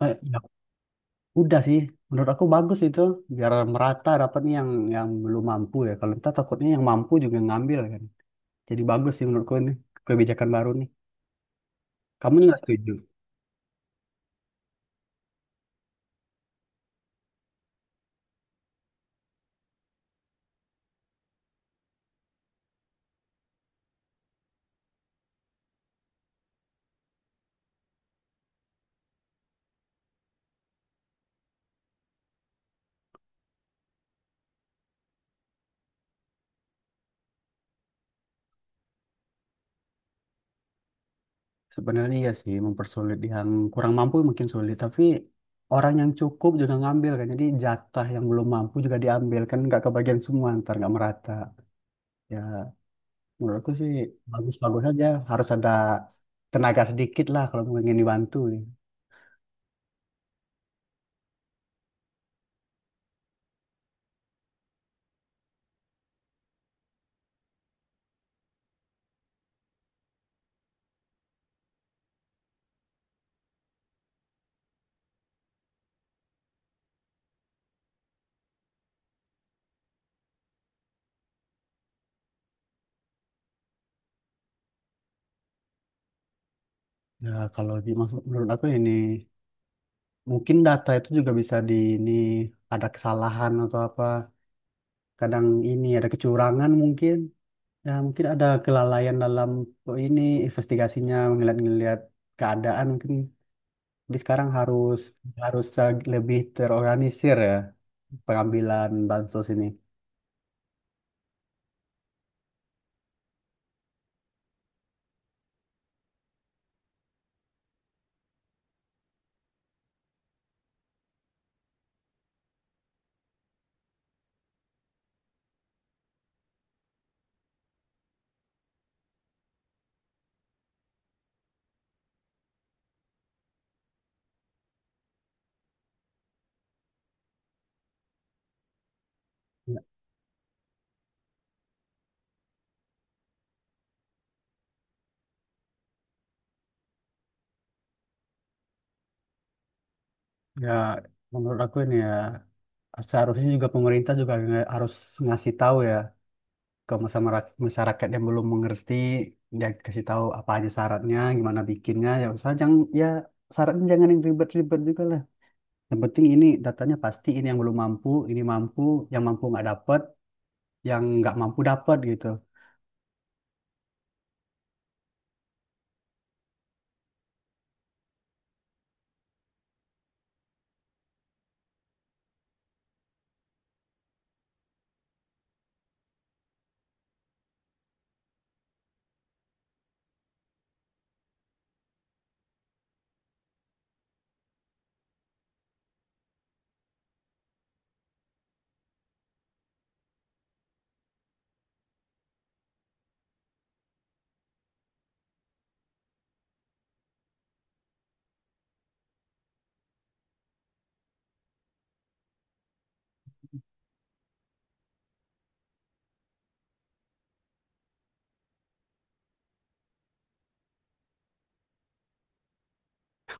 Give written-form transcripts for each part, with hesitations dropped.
Ya udah sih, menurut aku bagus itu biar merata dapatnya yang belum mampu ya. Kalau kita takutnya yang mampu juga ngambil kan. Jadi bagus sih menurutku ini kebijakan baru nih. Kamu nih nggak setuju? Sebenarnya iya sih mempersulit yang kurang mampu makin sulit. Tapi orang yang cukup juga ngambil kan. Jadi jatah yang belum mampu juga diambil kan nggak kebagian semua ntar nggak merata. Ya menurutku sih bagus-bagus aja. Harus ada tenaga sedikit lah kalau ingin dibantu. Nih. Ya kalau dimaksud menurut aku ini mungkin data itu juga bisa di ini ada kesalahan atau apa. Kadang ini ada kecurangan mungkin. Ya mungkin ada kelalaian dalam oh, ini investigasinya ngeliat-ngeliat keadaan mungkin. Jadi sekarang harus harus ter- lebih terorganisir ya pengambilan bansos ini. Ya, ya, menurut aku ini ya seharusnya juga pemerintah juga harus ngasih tahu ya ke masyarakat masyarakat yang belum mengerti, dia kasih tahu apa aja syaratnya gimana bikinnya ya, usah jangan ya syaratnya jangan yang ribet-ribet juga lah, yang penting ini datanya pasti ini yang belum mampu ini mampu, yang mampu nggak dapat, yang nggak mampu dapat gitu.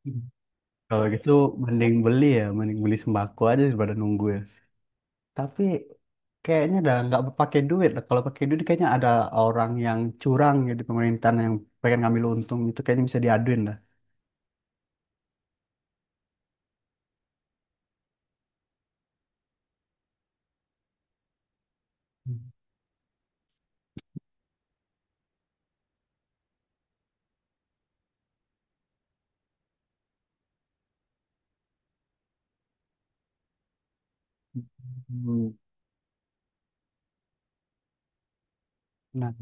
Hmm. Kalau gitu mending beli ya, mending beli sembako aja daripada nunggu ya. Tapi kayaknya udah nggak pakai duit lah, kalau pakai duit kayaknya ada orang yang curang ya di pemerintahan yang pengen ngambil untung itu, kayaknya bisa diaduin lah. Hmm. Nah.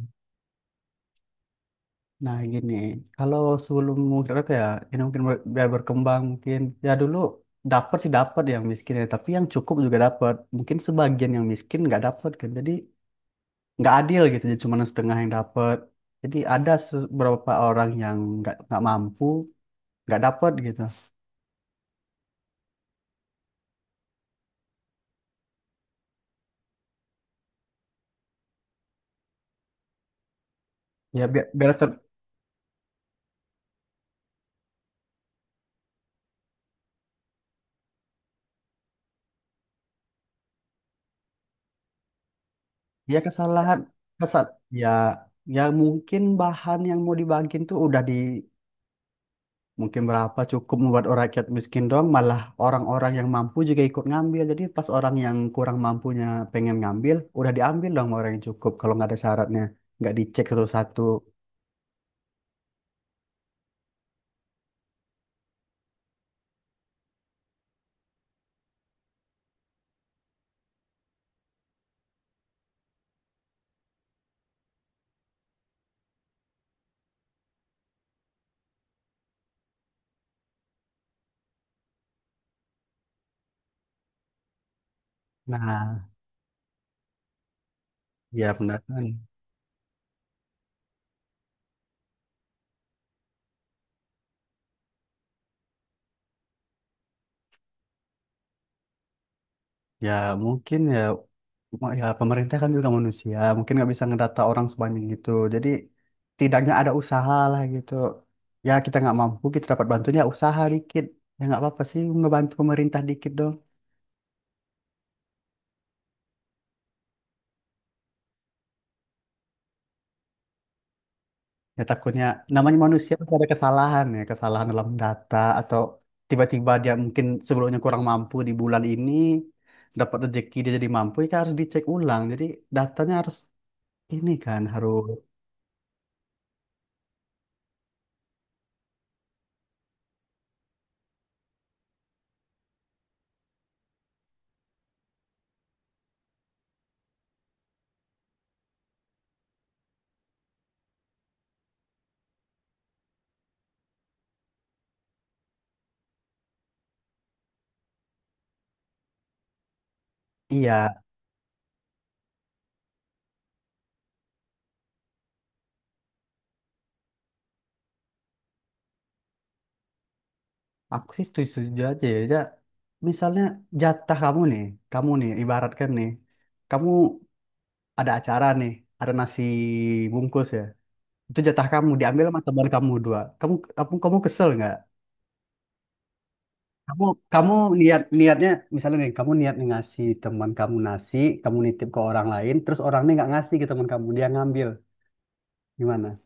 Nah gini, kalau sebelum mungkin apa ya, ini mungkin biar berkembang mungkin, ya dulu dapat sih, dapat yang miskin ya, tapi yang cukup juga dapat. Mungkin sebagian yang miskin nggak dapat kan, jadi nggak adil gitu, jadi cuma setengah yang dapat. Jadi ada beberapa orang yang nggak mampu nggak dapat gitu. Ya biar, biar ter- ya kesalahan, kesal ya, ya mungkin bahan yang mau dibagiin tuh udah di mungkin berapa cukup membuat orang rakyat miskin doang, malah orang-orang yang mampu juga ikut ngambil. Jadi pas orang yang kurang mampunya pengen ngambil, udah diambil dong sama orang yang cukup kalau nggak ada syaratnya, nggak dicek satu-satu. Nah, ya pendataan. Ya mungkin ya, ya pemerintah kan juga manusia, mungkin nggak bisa ngedata orang sebanyak itu. Jadi tidaknya ada usaha lah gitu. Ya kita nggak mampu, kita dapat bantunya usaha dikit. Ya nggak apa-apa sih, ngebantu pemerintah dikit dong. Ya takutnya namanya manusia pasti ada kesalahan ya, kesalahan dalam data atau tiba-tiba dia mungkin sebelumnya kurang mampu, di bulan ini dapat rezeki dia jadi mampu, ya kan harus dicek ulang. Jadi datanya harus ini kan harus iya, aku sih setuju aja ya. Ja. Misalnya jatah kamu nih ibaratkan nih, kamu ada acara nih, ada nasi bungkus ya. Itu jatah kamu diambil sama teman kamu dua. Kamu kamu kamu kesel nggak? Kamu kamu niatnya misalnya nih kamu niat nih ngasih teman kamu nasi, kamu nitip ke orang lain, terus orangnya nggak ngasih ke teman kamu, dia ngambil. Gimana?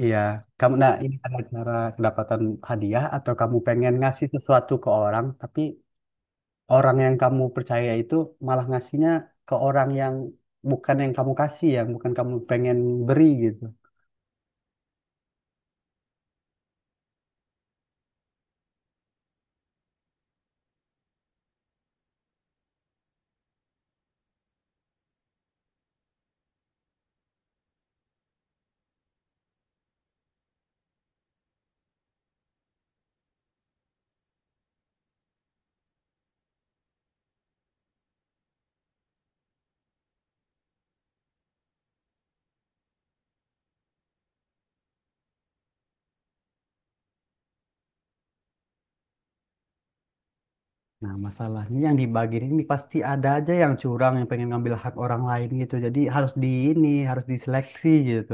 Iya, kamu nah ini ada cara kedapatan hadiah atau kamu pengen ngasih sesuatu ke orang tapi orang yang kamu percaya itu malah ngasihnya ke orang yang bukan yang kamu kasih, yang bukan kamu pengen beri gitu. Nah, masalahnya yang dibagiin ini pasti ada aja yang curang yang pengen ngambil hak orang lain gitu. Jadi harus di ini, harus diseleksi gitu.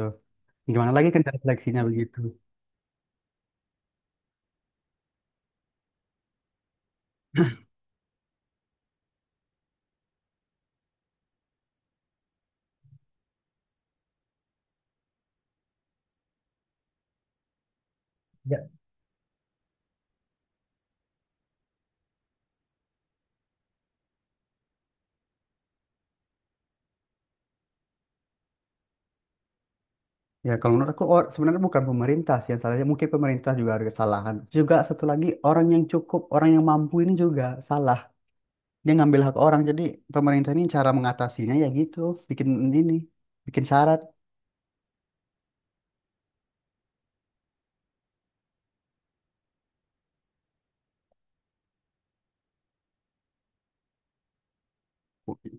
Gimana lagi kan dari seleksinya begitu. Ya, ya kalau menurut aku sebenarnya bukan pemerintah sih yang salahnya. Mungkin pemerintah juga ada kesalahan. Juga satu lagi orang yang cukup, orang yang mampu ini juga salah. Dia ngambil hak orang. Jadi pemerintah ini cara mengatasinya ya gitu, bikin ini, bikin syarat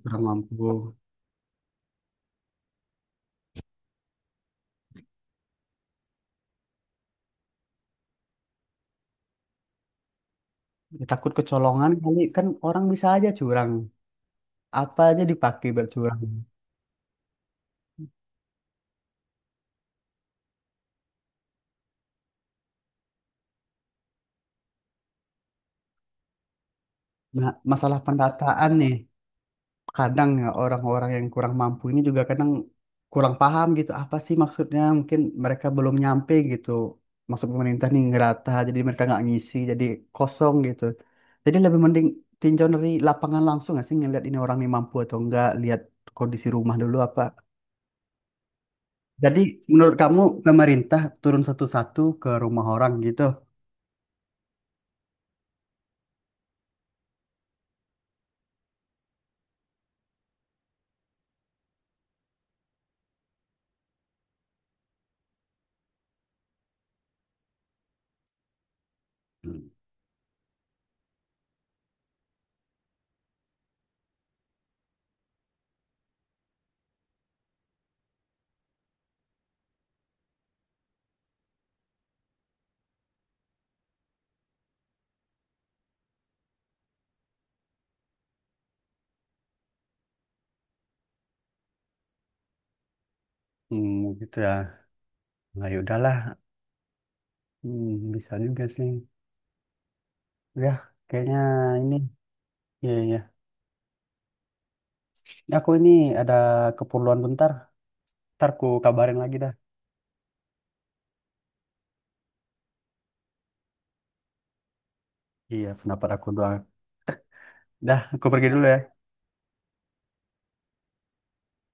kurang mampu. Ya, takut kecolongan kali kan orang bisa aja curang. Apa aja dipakai buat curang. Nah, masalah pendataan nih. Kadang ya orang-orang yang kurang mampu ini juga kadang kurang paham gitu apa sih maksudnya, mungkin mereka belum nyampe gitu maksud pemerintah nih ngerata, jadi mereka nggak ngisi jadi kosong gitu. Jadi lebih mending tinjau dari lapangan langsung nggak sih, ngeliat ini orang nih mampu atau enggak, lihat kondisi rumah dulu apa, jadi menurut kamu pemerintah turun satu-satu ke rumah orang gitu. Hmm, gitu ya. Nah, ya udahlah. Hmm, bisa juga sih. Ya, kayaknya ini. Iya, ya aku ini ada keperluan bentar. Ntar ku kabarin lagi dah. Iya, pendapat aku doang. Dah, aku pergi dulu ya.